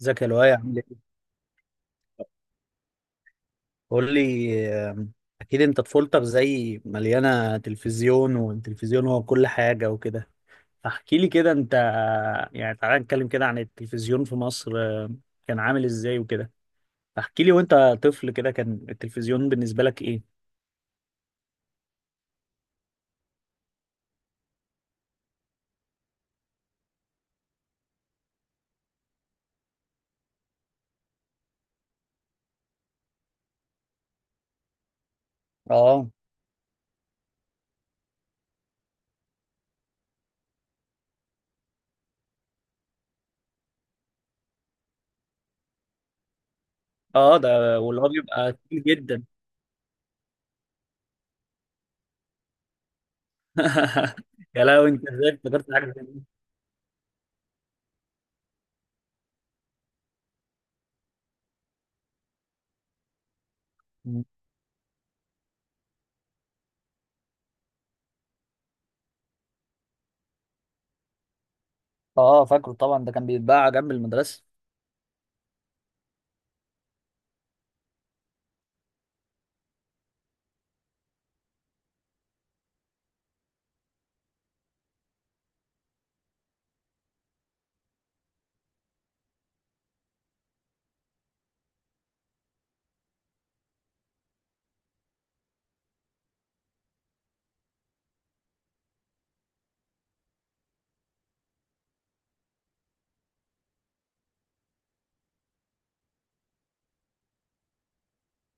ازيك يا لؤي عامل ايه؟ قول لي آم، اكيد انت طفولتك زي مليانه تلفزيون، والتلفزيون هو كل حاجه وكده. فاحكي لي كده انت، يعني تعالى نتكلم كده عن التلفزيون في مصر. كان عامل ازاي وكده. فاحكي لي وانت طفل كده، كان التلفزيون بالنسبه لك ايه؟ اه. اه ده، واللي هو بيبقى تقيل جدا. يا لهوي انت ازاي افتكرت حاجه زي دي؟ اه فاكره طبعا، ده كان بيتباع جنب المدرسه.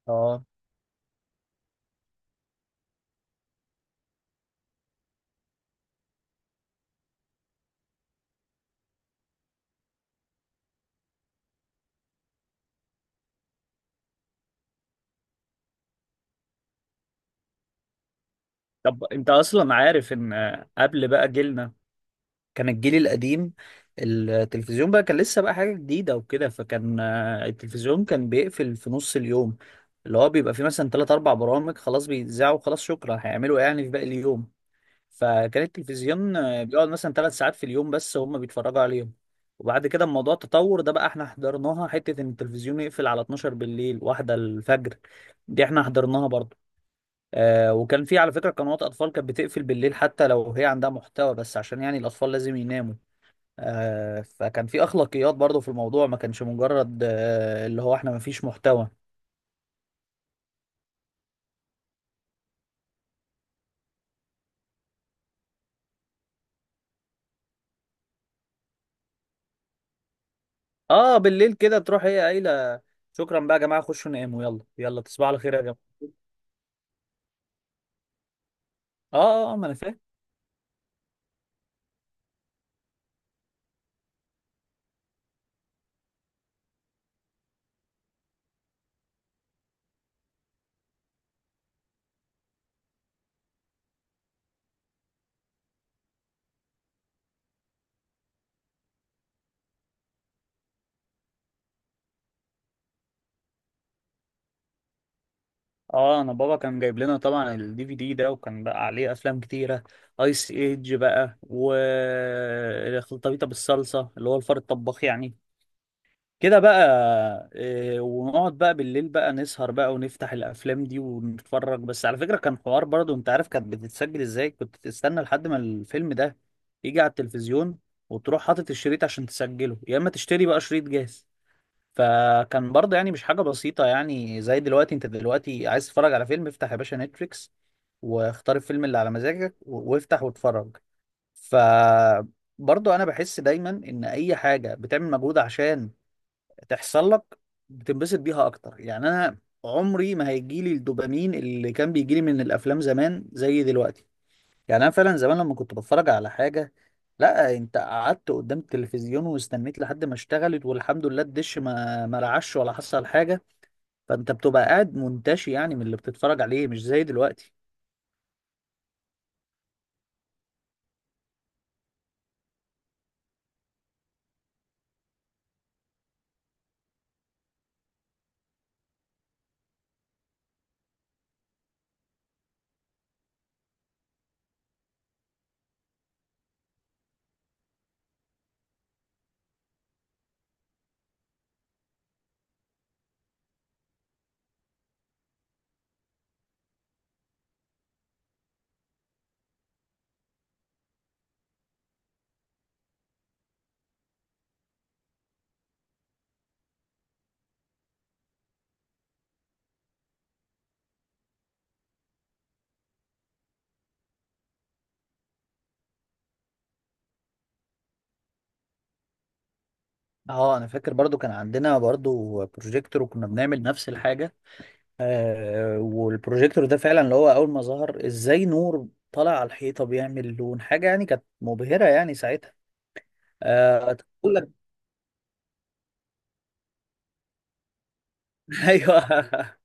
اه. طب انت اصلا عارف ان قبل بقى جيلنا، كان الجيل القديم التلفزيون بقى كان لسه بقى حاجة جديدة وكده، فكان التلفزيون كان بيقفل في نص اليوم. اللي هو بيبقى فيه مثلا تلات أربع برامج، خلاص بيتذاعوا، خلاص شكرا، هيعملوا إيه يعني في باقي اليوم؟ فكان التلفزيون بيقعد مثلا تلات ساعات في اليوم بس هما بيتفرجوا عليهم. وبعد كده الموضوع تطور، ده بقى احنا حضرناها حتة ان التلفزيون يقفل على 12 بالليل، واحدة الفجر دي احنا حضرناها برضه. آه وكان في على فكرة قنوات أطفال كانت بتقفل بالليل حتى لو هي عندها محتوى، بس عشان يعني الأطفال لازم يناموا. فكان في اخلاقيات برضو في الموضوع، ما كانش مجرد اللي هو احنا ما فيش محتوى. اه بالليل كده تروح هي قايله شكرا بقى يا جماعه، خشوا ناموا، يلا يلا تصبحوا على خير يا جماعه. اه اه ما انا فاهم. اه انا بابا كان جايب لنا طبعا الدي في دي ده، وكان بقى عليه افلام كتيره. ايس ايج بقى، و الخلطبيطه بالصلصه اللي هو الفار الطباخ يعني، كده بقى. ونقعد بقى بالليل بقى نسهر بقى ونفتح الافلام دي ونتفرج. بس على فكرة كان حوار برضو، انت عارف كانت بتتسجل ازاي؟ كنت تستنى لحد ما الفيلم ده يجي على التلفزيون، وتروح حاطط الشريط عشان تسجله، يا اما تشتري بقى شريط جاهز. فكان برضه يعني مش حاجة بسيطة يعني زي دلوقتي، انت دلوقتي عايز تتفرج على فيلم افتح يا باشا نتفليكس واختار الفيلم اللي على مزاجك وافتح واتفرج. ف برضه انا بحس دايما ان اي حاجة بتعمل مجهود عشان تحصل لك بتنبسط بيها اكتر. يعني انا عمري ما هيجيلي الدوبامين اللي كان بيجيلي من الافلام زمان زي دلوقتي. يعني انا فعلا زمان لما كنت بتفرج على حاجه، لا انت قعدت قدام التلفزيون واستنيت لحد ما اشتغلت، والحمد لله الدش ما رعش ولا حصل حاجه. فانت بتبقى قاعد منتشي يعني من اللي بتتفرج عليه، مش زي دلوقتي. اه انا فاكر برضو كان عندنا برضو بروجيكتور وكنا بنعمل نفس الحاجه. آه والبروجيكتور ده فعلا اللي هو اول ما ظهر، ازاي نور طالع على الحيطه بيعمل لون حاجه؟ يعني كانت مبهره يعني ساعتها. آه تقول لك. ايوه.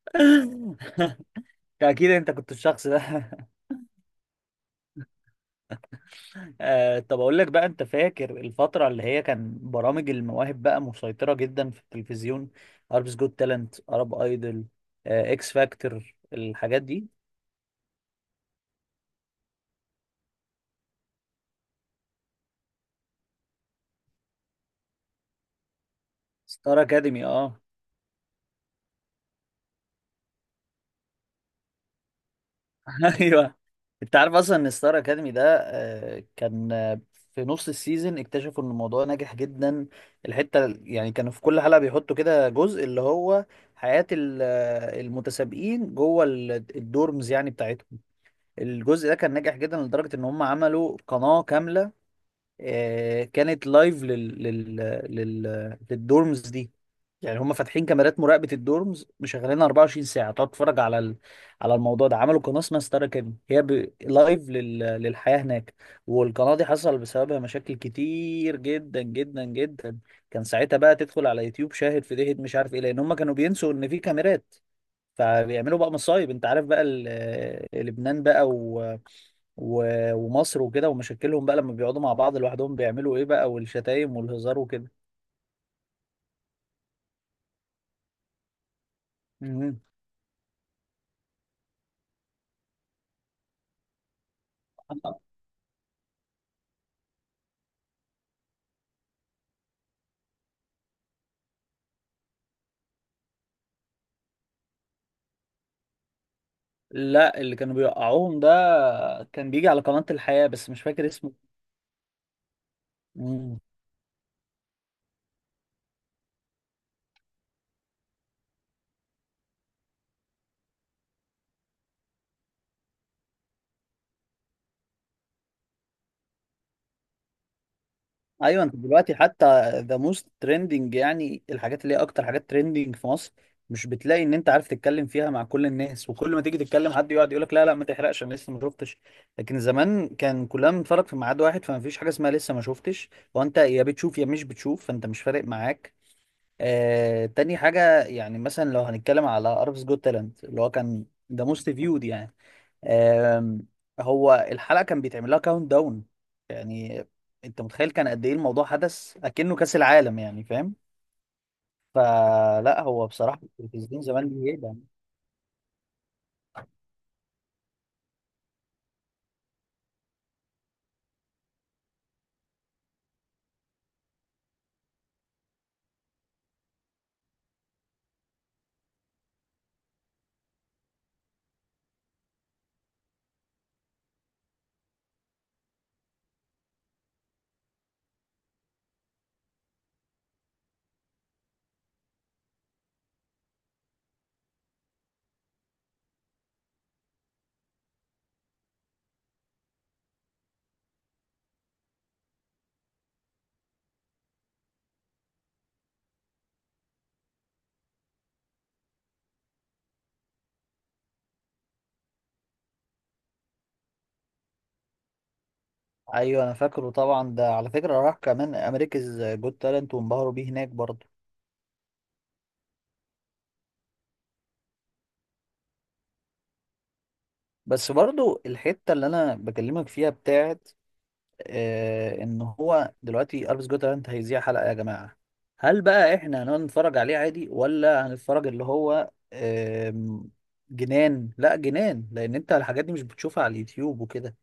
اكيد انت كنت الشخص ده. آه طب اقول لك بقى، انت فاكر الفتره اللي هي كان برامج المواهب بقى مسيطره جدا في التلفزيون؟ اربس جوت تالنت، ارب ايدل، آه اكس فاكتور، الحاجات دي. ستار اكاديمي اه. ايوه. انت عارف اصلا ان ستار اكاديمي ده آه، كان آه، في نص السيزون اكتشفوا ان الموضوع ناجح جدا؟ يعني كانوا في كل حلقه بيحطوا كده جزء اللي هو حياه المتسابقين جوه الدورمز يعني بتاعتهم. الجزء ده كان ناجح جدا، لدرجه ان هم عملوا قناه كامله كانت لايف لل للدورمز دي. يعني هم فاتحين كاميرات مراقبة الدورمز مشغلينها 24 ساعة، تقعد تتفرج على ال... على الموضوع ده. عملوا قناة اسمها ستار اكاديمي، هي ب... لايف لل... للحياة هناك. والقناة دي حصل بسببها مشاكل كتير جدا جدا جدا. كان ساعتها بقى تدخل على يوتيوب شاهد في دهيت مش عارف ايه، لان هم كانوا بينسوا ان في كاميرات، فبيعملوا بقى مصايب. انت عارف بقى ال- لبنان بقى و... ومصر وكده ومشاكلهم بقى لما بيقعدوا مع بعض لوحدهم بيعملوا ايه بقى، والشتايم والهزار وكده. مهم. لا اللي كانوا بيوقعوهم ده كان بيجي على قناة الحياة، بس مش فاكر اسمه. مم. ايوه انت دلوقتي حتى ذا موست ترندنج، يعني الحاجات اللي هي اكتر حاجات ترندنج في مصر، مش بتلاقي ان انت عارف تتكلم فيها مع كل الناس، وكل ما تيجي تتكلم حد يقعد يقولك لا لا ما تحرقش انا لسه ما شفتش. لكن زمان كان كلنا بنتفرج في ميعاد واحد، فما فيش حاجة اسمها لسه ما شفتش، وانت يا بتشوف يا مش بتشوف، فانت مش فارق معاك. تاني حاجة يعني مثلا لو هنتكلم على أرفس جوت تالنت، اللي هو كان ده موست فيود يعني. آم، هو الحلقة كان بيتعمل لها كاونت داون. يعني انت متخيل كان قد ايه الموضوع؟ حدث اكنه كأس العالم يعني، فاهم؟ فلا هو بصراحة التلفزيون زمان دي هيبة. ايوه انا فاكره طبعا، ده على فكرة راح كمان امريكاز جوت تالنت وانبهروا بيه هناك برضه. بس برضه الحتة اللي انا بكلمك فيها بتاعت ان هو دلوقتي الفيس جوتالاند هيذيع حلقه يا جماعه، هل بقى احنا هنقعد نتفرج عليه عادي، ولا هنتفرج اللي هو جنان؟ لا جنان، لان انت الحاجات دي مش بتشوفها على اليوتيوب وكده،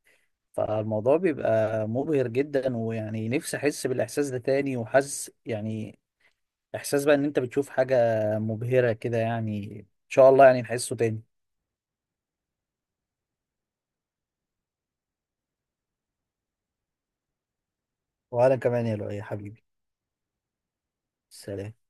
فالموضوع بيبقى مبهر جدا. ويعني نفسي احس بالاحساس ده تاني، وحاسس يعني احساس بقى ان انت بتشوف حاجه مبهره كده يعني، ان شاء الله يعني نحسه تاني. وانا كمان يا لؤي يا حبيبي. سلام.